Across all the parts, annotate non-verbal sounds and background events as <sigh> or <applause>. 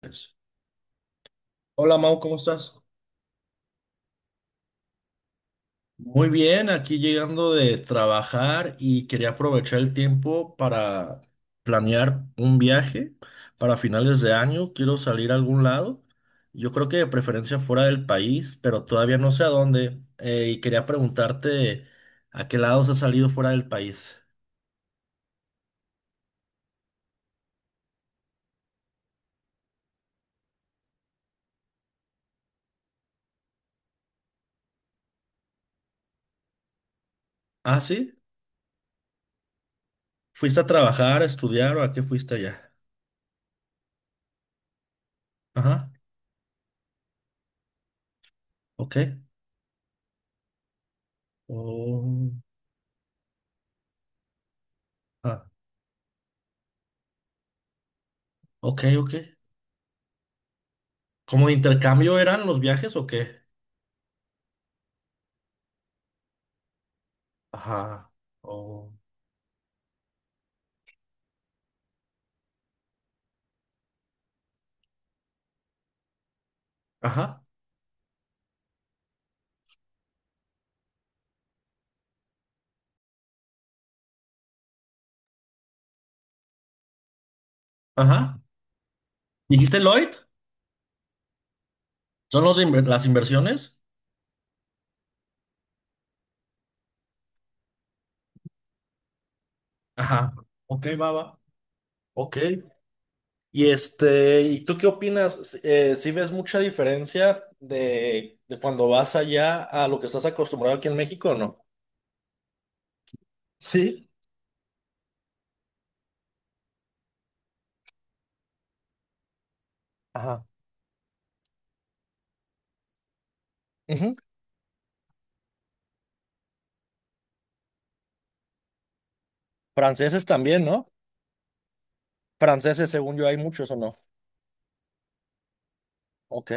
Pues, Hola Mau, ¿cómo estás? Muy bien, aquí llegando de trabajar y quería aprovechar el tiempo para planear un viaje para finales de año. Quiero salir a algún lado. Yo creo que de preferencia fuera del país, pero todavía no sé a dónde. Y quería preguntarte a qué lados has salido fuera del país. Ah, sí. ¿Fuiste a trabajar, a estudiar o a qué fuiste allá? Ajá, ok. Oh, ah, ok, ok. ¿Como de intercambio eran los viajes o qué? Ajá. Oh. Ajá. Ajá. ¿Dijiste Lloyd? ¿Son los las inversiones? Ajá. Ok, va, va. Ok. Y este, ¿y tú qué opinas? ¿Sí ves mucha diferencia de cuando vas allá a lo que estás acostumbrado aquí en México o no? Sí, ajá. Ujú. Franceses también, ¿no? Franceses, según yo, hay muchos o no. Ok.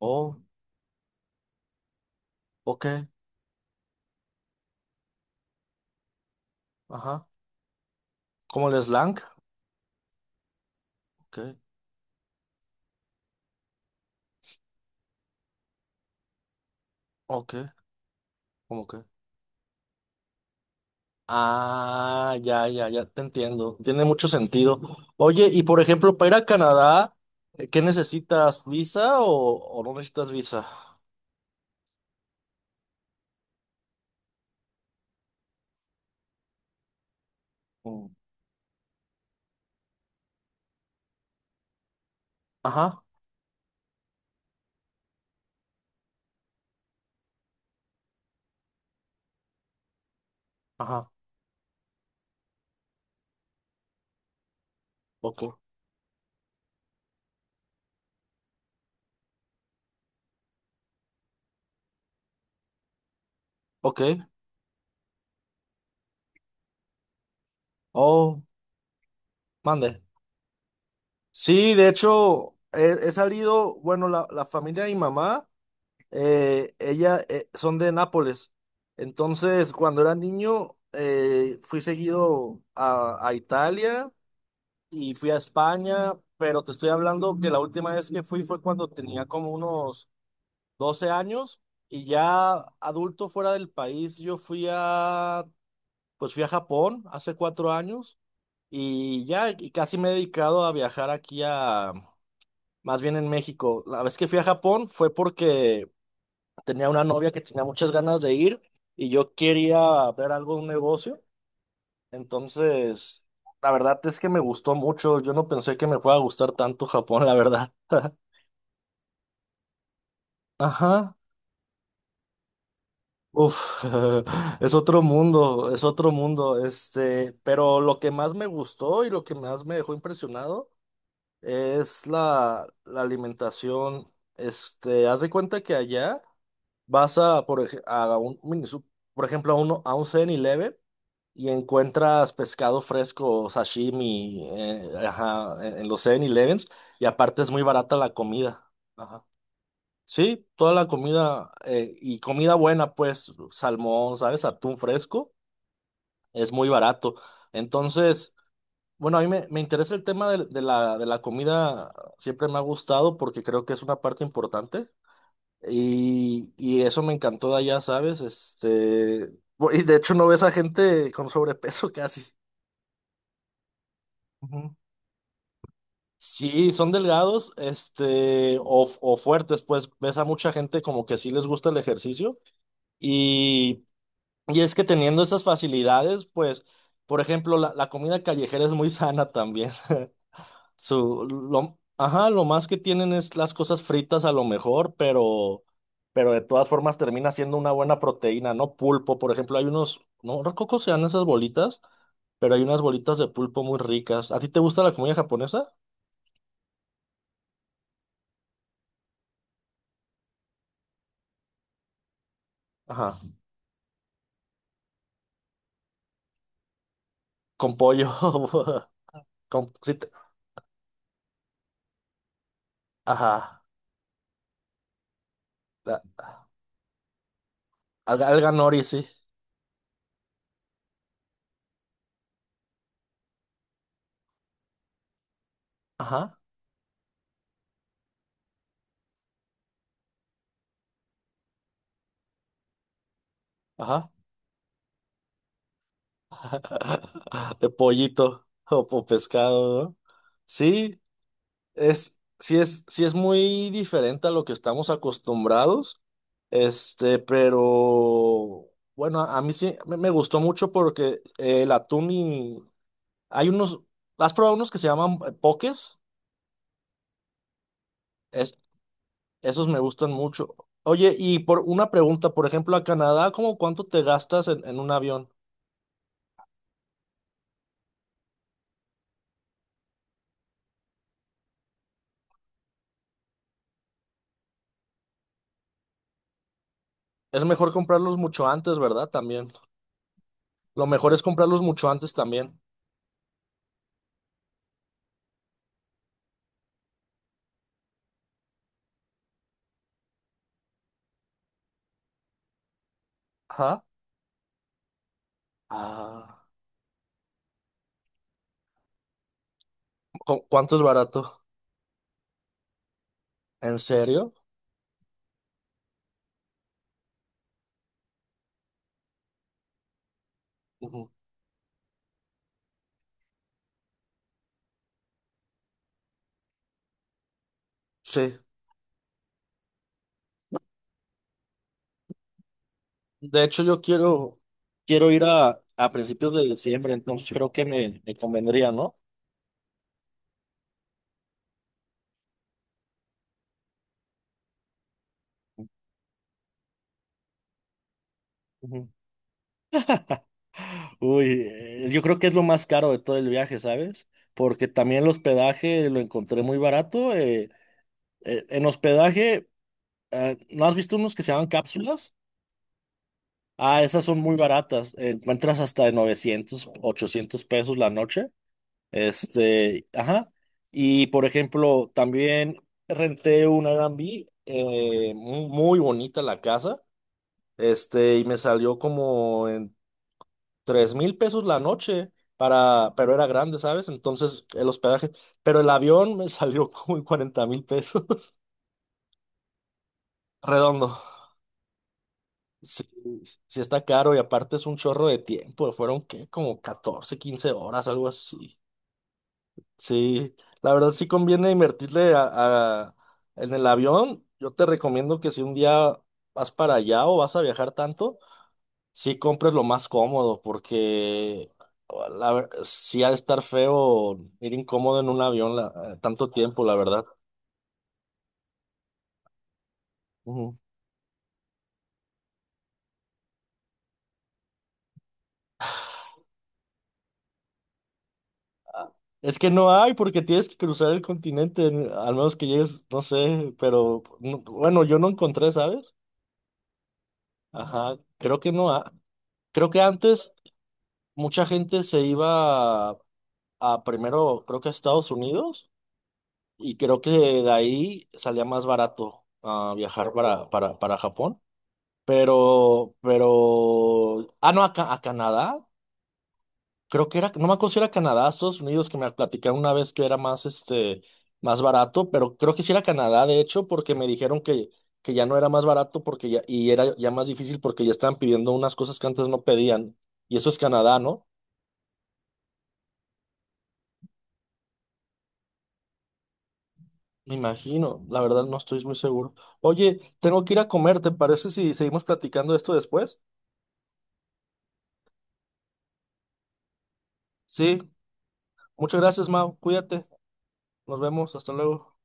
Oh, ok, ajá. Como el slang, ok, ok, cómo que. Ah, ya, ya, ya te entiendo. Tiene mucho sentido. Oye, y por ejemplo, para ir a Canadá, ¿qué necesitas? ¿Visa o no necesitas visa? Mm. Ajá, ajá, ok, ok. Oh, mande. Sí, de hecho, he salido, bueno, la familia de mi mamá, ella son de Nápoles. Entonces, cuando era niño, fui seguido a Italia y fui a España, pero te estoy hablando que la última vez que fui fue cuando tenía como unos 12 años y ya adulto fuera del país, pues fui a Japón hace 4 años y casi me he dedicado a viajar más bien en México. La vez que fui a Japón fue porque tenía una novia que tenía muchas ganas de ir y yo quería ver algo, un negocio. Entonces, la verdad es que me gustó mucho. Yo no pensé que me fuera a gustar tanto Japón, la verdad. <laughs> Ajá. Uf, <laughs> es otro mundo, es otro mundo. Este, pero lo que más me gustó y lo que más me dejó impresionado es la alimentación. Este, haz de cuenta que allá vas a, por ej- a un mini, sup- por ejemplo, a un 7-Eleven. Y encuentras pescado fresco, sashimi, ajá, en los 7-Elevens. Y aparte es muy barata la comida. Ajá. Sí, toda la comida y comida buena, pues salmón, ¿sabes? Atún fresco, es muy barato. Entonces, bueno, me interesa el tema de la comida, siempre me ha gustado porque creo que es una parte importante y eso me encantó de allá, ¿sabes? Y de hecho no ves a gente con sobrepeso <laughs> casi. Ujú. Sí, son delgados, este, o fuertes, pues ves a mucha gente como que sí les gusta el ejercicio y, y es que teniendo esas facilidades, pues, por ejemplo, la comida callejera es muy sana también. <laughs> Ajá, lo más que tienen es las cosas fritas a lo mejor, pero de todas formas termina siendo una buena proteína, ¿no? Pulpo, por ejemplo, hay unos, no recuerdo cómo se llaman esas bolitas, pero hay unas bolitas de pulpo muy ricas. ¿A ti te gusta la comida japonesa? Ajá. Con pollo, <laughs> sí, ajá, la- alga nori, sí, ajá, ajá, <laughs> de pollito o, pescado, ¿no? Sí, sí es muy diferente a lo que estamos acostumbrados, este, pero bueno, a mí sí me gustó mucho porque el atún y hay unos, ¿has probado unos que se llaman pokés? Esos me gustan mucho. Oye, y por una pregunta, por ejemplo, a Canadá, ¿cómo cuánto te gastas en un avión? Es mejor comprarlos mucho antes, ¿verdad? También. Lo mejor es comprarlos mucho antes también. Ajá. Ah, ¿cuánto es barato? ¿En serio? Ujú. Sí. De hecho, quiero ir a principios de diciembre, entonces creo que me convendría, ¿no? Ujú. Uy, yo creo que es lo más caro de todo el viaje, ¿sabes? Porque también el hospedaje lo encontré muy barato. En hospedaje, ¿no has visto unos que se llaman cápsulas? Ah, esas son muy baratas. Encuentras hasta de 900-800 pesos la noche. Este, ajá. Y por ejemplo, también renté un Airbnb, muy bonita la casa. Este, y me salió como en 3,000 pesos la noche. Para, pero era grande, ¿sabes? Entonces, el hospedaje. Pero el avión me <laughs> salió como en 40,000 pesos. <laughs> Redondo. Sí, sí está caro y aparte es un chorro de tiempo. Fueron, ¿qué? Como 14-15 horas, algo así. Sí, la verdad sí conviene en el avión. Yo te recomiendo que si un día vas para allá o vas a viajar tanto, sí compres lo más cómodo porque oh, sí ha de estar feo ir incómodo en un avión tanto tiempo, la verdad. Ujú. Es que no hay porque tienes que cruzar el continente, al menos que llegues, no sé, pero bueno, yo no encontré, ¿sabes? Ajá, creo que no ha- creo que antes mucha gente se iba a primero, creo que a Estados Unidos, y creo que de ahí salía más barato ah, viajar para Japón. Pero, ah, no, a Canadá. Creo que era, no me acuerdo si era Canadá, Estados Unidos, que me platicaron una vez que era más, este, más barato, pero creo que sí era Canadá, de hecho, porque me dijeron que ya no era más barato porque ya, y era ya más difícil porque ya estaban pidiendo unas cosas que antes no pedían. Y eso es Canadá, ¿no? Me imagino, la verdad no estoy muy seguro. Oye, tengo que ir a comer, ¿te parece si seguimos platicando de esto después? Sí, muchas gracias, Mau, cuídate, nos vemos, hasta luego.